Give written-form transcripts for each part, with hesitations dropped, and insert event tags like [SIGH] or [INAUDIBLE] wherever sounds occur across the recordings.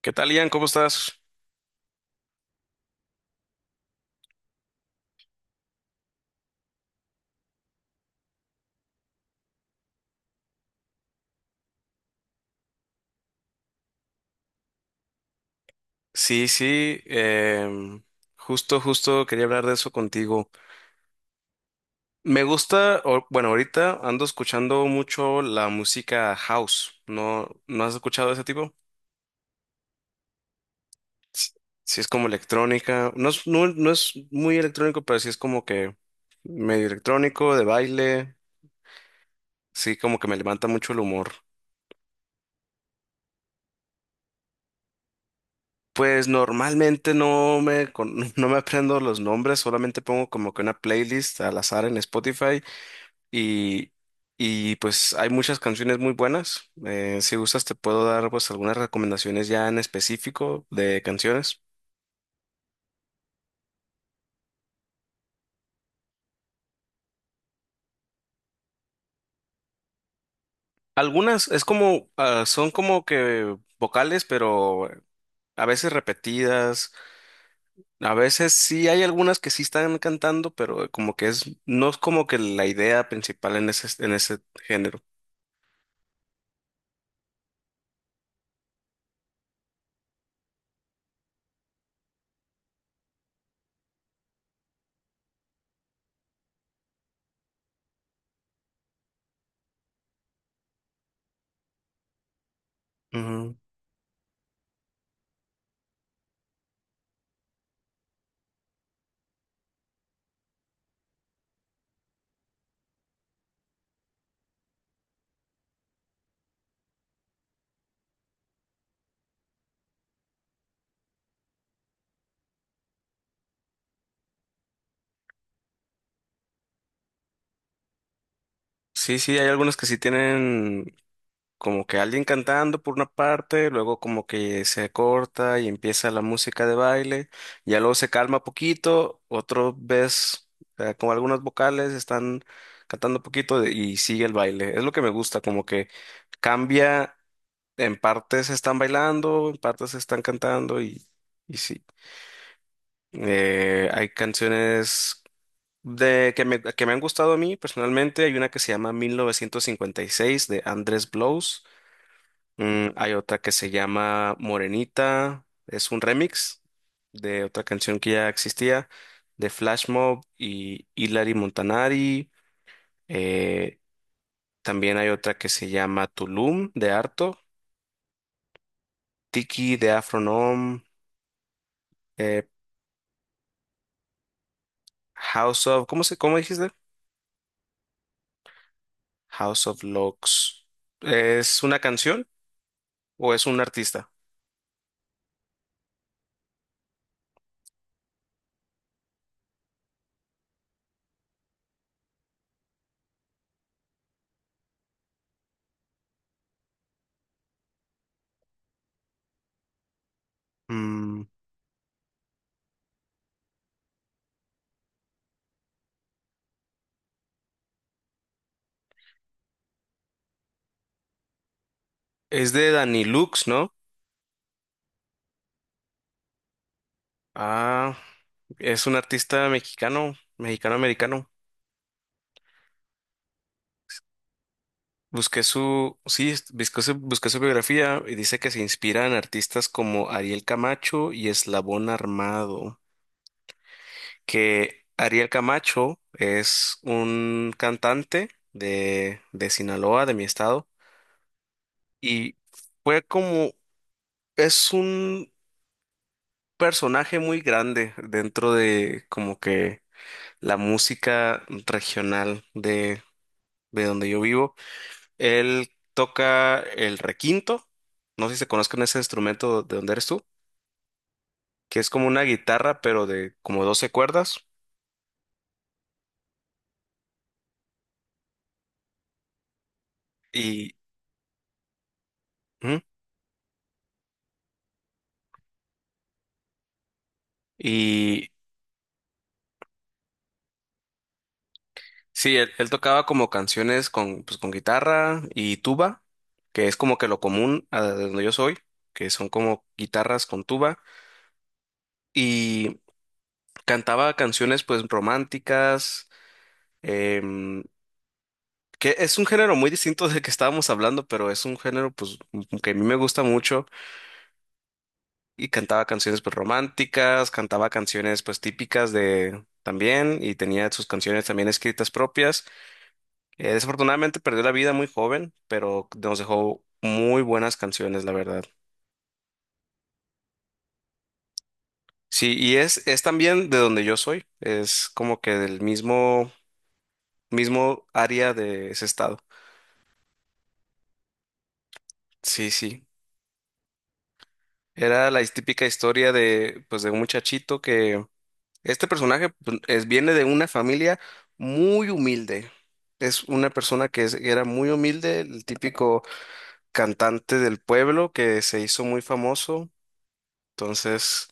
¿Qué tal, Ian? ¿Cómo estás? Sí, sí, justo quería hablar de eso contigo. Me gusta, bueno, ahorita ando escuchando mucho la música house. ¿No has escuchado ese tipo? S- Sí, es como electrónica. No es muy electrónico, pero sí es como que medio electrónico, de baile. Sí, como que me levanta mucho el humor. Pues normalmente [LAUGHS] no me aprendo los nombres, solamente pongo como que una playlist al azar en Spotify. Y, y pues hay muchas canciones muy buenas. Si gustas, te puedo dar pues algunas recomendaciones ya en específico de canciones. Algunas es como, ah, son como que vocales, pero a veces repetidas. A veces sí hay algunas que sí están cantando, pero como que es, no es como que la idea principal en ese género. Ujú. Sí, sí, hay algunas que sí tienen como que alguien cantando por una parte, luego como que se corta y empieza la música de baile, ya luego se calma poquito, otro vez con algunas vocales están cantando poquito y sigue el baile. Es lo que me gusta, como que cambia, en partes están bailando, en partes están cantando y sí. Hay canciones de que me han gustado a mí personalmente. Hay una que se llama 1956 de Andrés Blows. Hay otra que se llama Morenita, es un remix de otra canción que ya existía, de Flash Mob y Hilary Montanari. Eh, También hay otra que se llama Tulum de Arto, Tiki de Afronom, eh, House of, ¿cómo dijiste? House of Locks. ¿Es una canción o es un artista? Mm, es de Danny Lux, ¿no? Ah, es un artista mexicano, mexicano-americano. Busqué su, sí, es- busqué su biografía y dice que se inspira en artistas como Ariel Camacho y Eslabón Armado, que Ariel Camacho es un cantante de Sinaloa, de mi estado, y fue como, es un personaje muy grande dentro de como que la música regional de donde yo vivo. Él toca el requinto. No sé si se conozcan ese instrumento de donde eres tú, que es como una guitarra, pero de como 12 cuerdas. Y, ujú, y sí, él tocaba como canciones con, pues, con guitarra y tuba, que es como que lo común a de donde yo soy, que son como guitarras con tuba. Y cantaba canciones pues románticas, em, que es un género muy distinto del que estábamos hablando, pero es un género pues que a mí me gusta mucho y cantaba canciones pues románticas, cantaba canciones pues típicas de también y tenía sus canciones también escritas propias. Desafortunadamente perdió la vida muy joven, pero nos dejó muy buenas canciones, la verdad. Sí, y es también de donde yo soy, es como que del mismo, mismo área de ese estado. Sí, sí. Era la típica historia de pues de un muchachito que... Este personaje pues, viene de una familia muy humilde. Es una persona que era muy humilde, el típico cantante del pueblo que se hizo muy famoso. Entonces,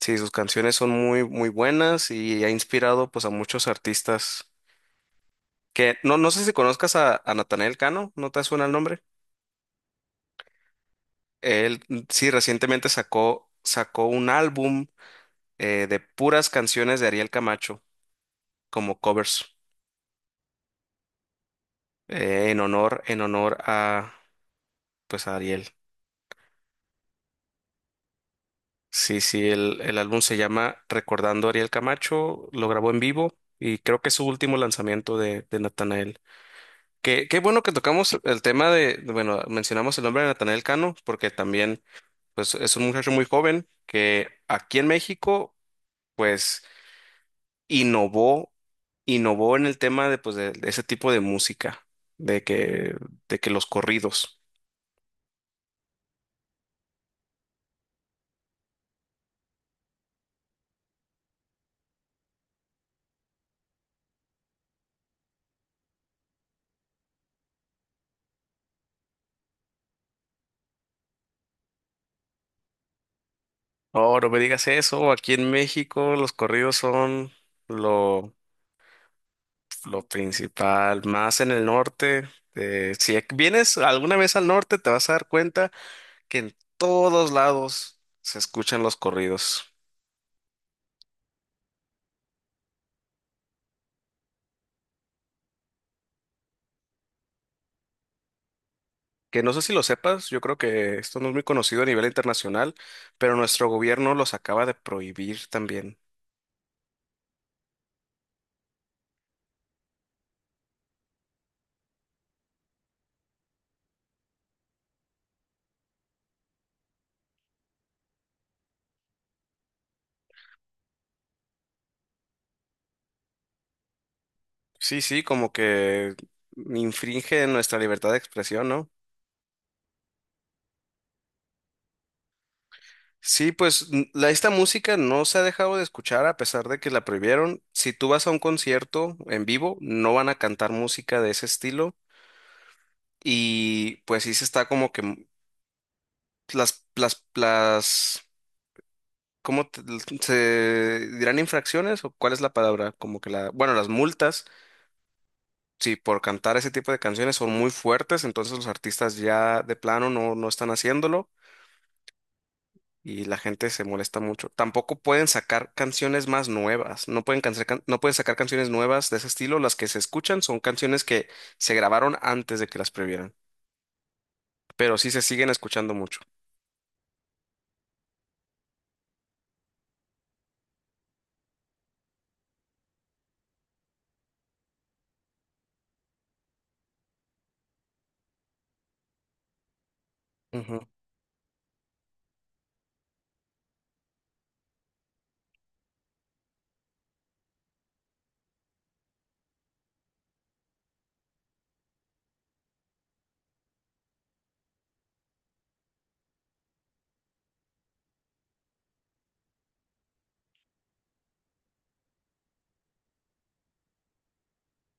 sí, sus canciones son muy, muy buenas y ha inspirado pues a muchos artistas que no sé si conozcas a Natanael Cano, ¿no te suena el nombre? Él sí recientemente sacó un álbum de puras canciones de Ariel Camacho como covers en honor a, pues a Ariel. Sí, sí, el álbum se llama Recordando a Ariel Camacho, lo grabó en vivo y creo que es su último lanzamiento de Natanael. Qué bueno que tocamos el tema, bueno, mencionamos el nombre de Natanael Cano, porque también, pues, es un muchacho muy joven que aquí en México, pues, innovó, innovó en el tema de, pues, de ese tipo de música, de que, de que los corridos. Oh, no me digas eso, aquí en México los corridos son... Lo, Lo principal, más en el norte, si vienes alguna vez al norte, te vas a dar cuenta que en todos lados se escuchan los corridos. Que no sé si lo sepas, yo creo que esto no es muy conocido a nivel internacional, pero nuestro gobierno los acaba de prohibir también. Sí, sí, como que infringe nuestra libertad de expresión, ¿no? Sí, pues esta música no se ha dejado de escuchar a pesar de que la prohibieron. Si tú vas a un concierto en vivo, no van a cantar música de ese estilo. Y pues sí se está como que las, las, las, ¿cómo te- se dirán infracciones o cuál es la palabra? Como que bueno, las multas, sí, por cantar ese tipo de canciones son muy fuertes, entonces los artistas ya de plano no están haciéndolo y la gente se molesta mucho. Tampoco pueden sacar canciones más nuevas, no pueden sacar canciones nuevas de ese estilo, las que se escuchan son canciones que se grabaron antes de que las prohibieran, pero sí se siguen escuchando mucho.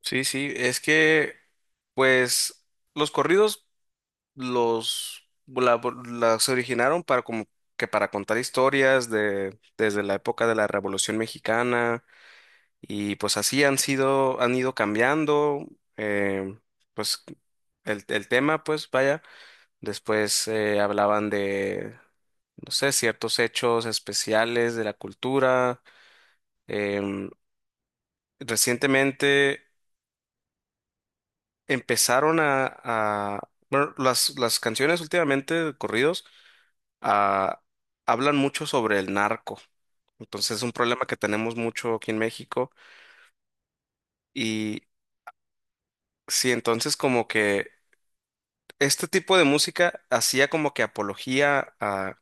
Sí, sí, es que, pues, los corridos los la- las originaron para como que para contar historias de desde la época de la Revolución Mexicana y pues así han sido, han ido cambiando, eh, pues el tema, pues vaya, después hablaban de, no sé, ciertos hechos especiales de la cultura. em, Recientemente empezaron, bueno, las canciones últimamente, corridos, ah, hablan mucho sobre el narco. Entonces es un problema que tenemos mucho aquí en México. Y sí, entonces como que este tipo de música hacía como que apología a...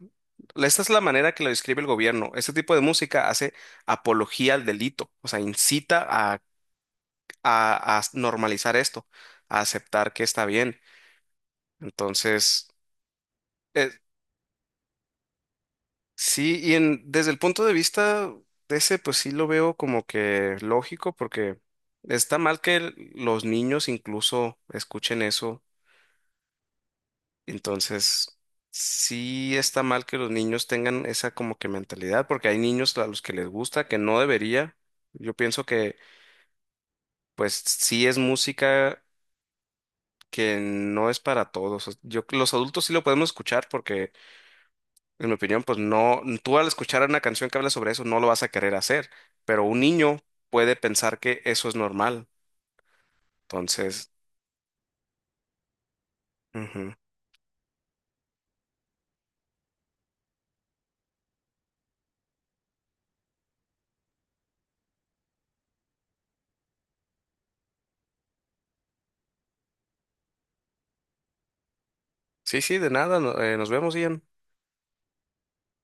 Esta es la manera que lo describe el gobierno. Este tipo de música hace apología al delito, o sea, incita a normalizar esto, a aceptar que está bien. Entonces... eh, sí, desde el punto de vista de ese, pues sí lo veo como que lógico, porque está mal que los niños incluso escuchen eso. Entonces, sí está mal que los niños tengan esa como que mentalidad, porque hay niños a los que les gusta, que no debería. Yo pienso que, pues sí es música que no es para todos. Yo, los adultos sí lo podemos escuchar porque en mi opinión, pues no, tú al escuchar una canción que habla sobre eso no lo vas a querer hacer, pero un niño puede pensar que eso es normal. Entonces, ujú. Sí, sí, de nada, nos vemos, Ian.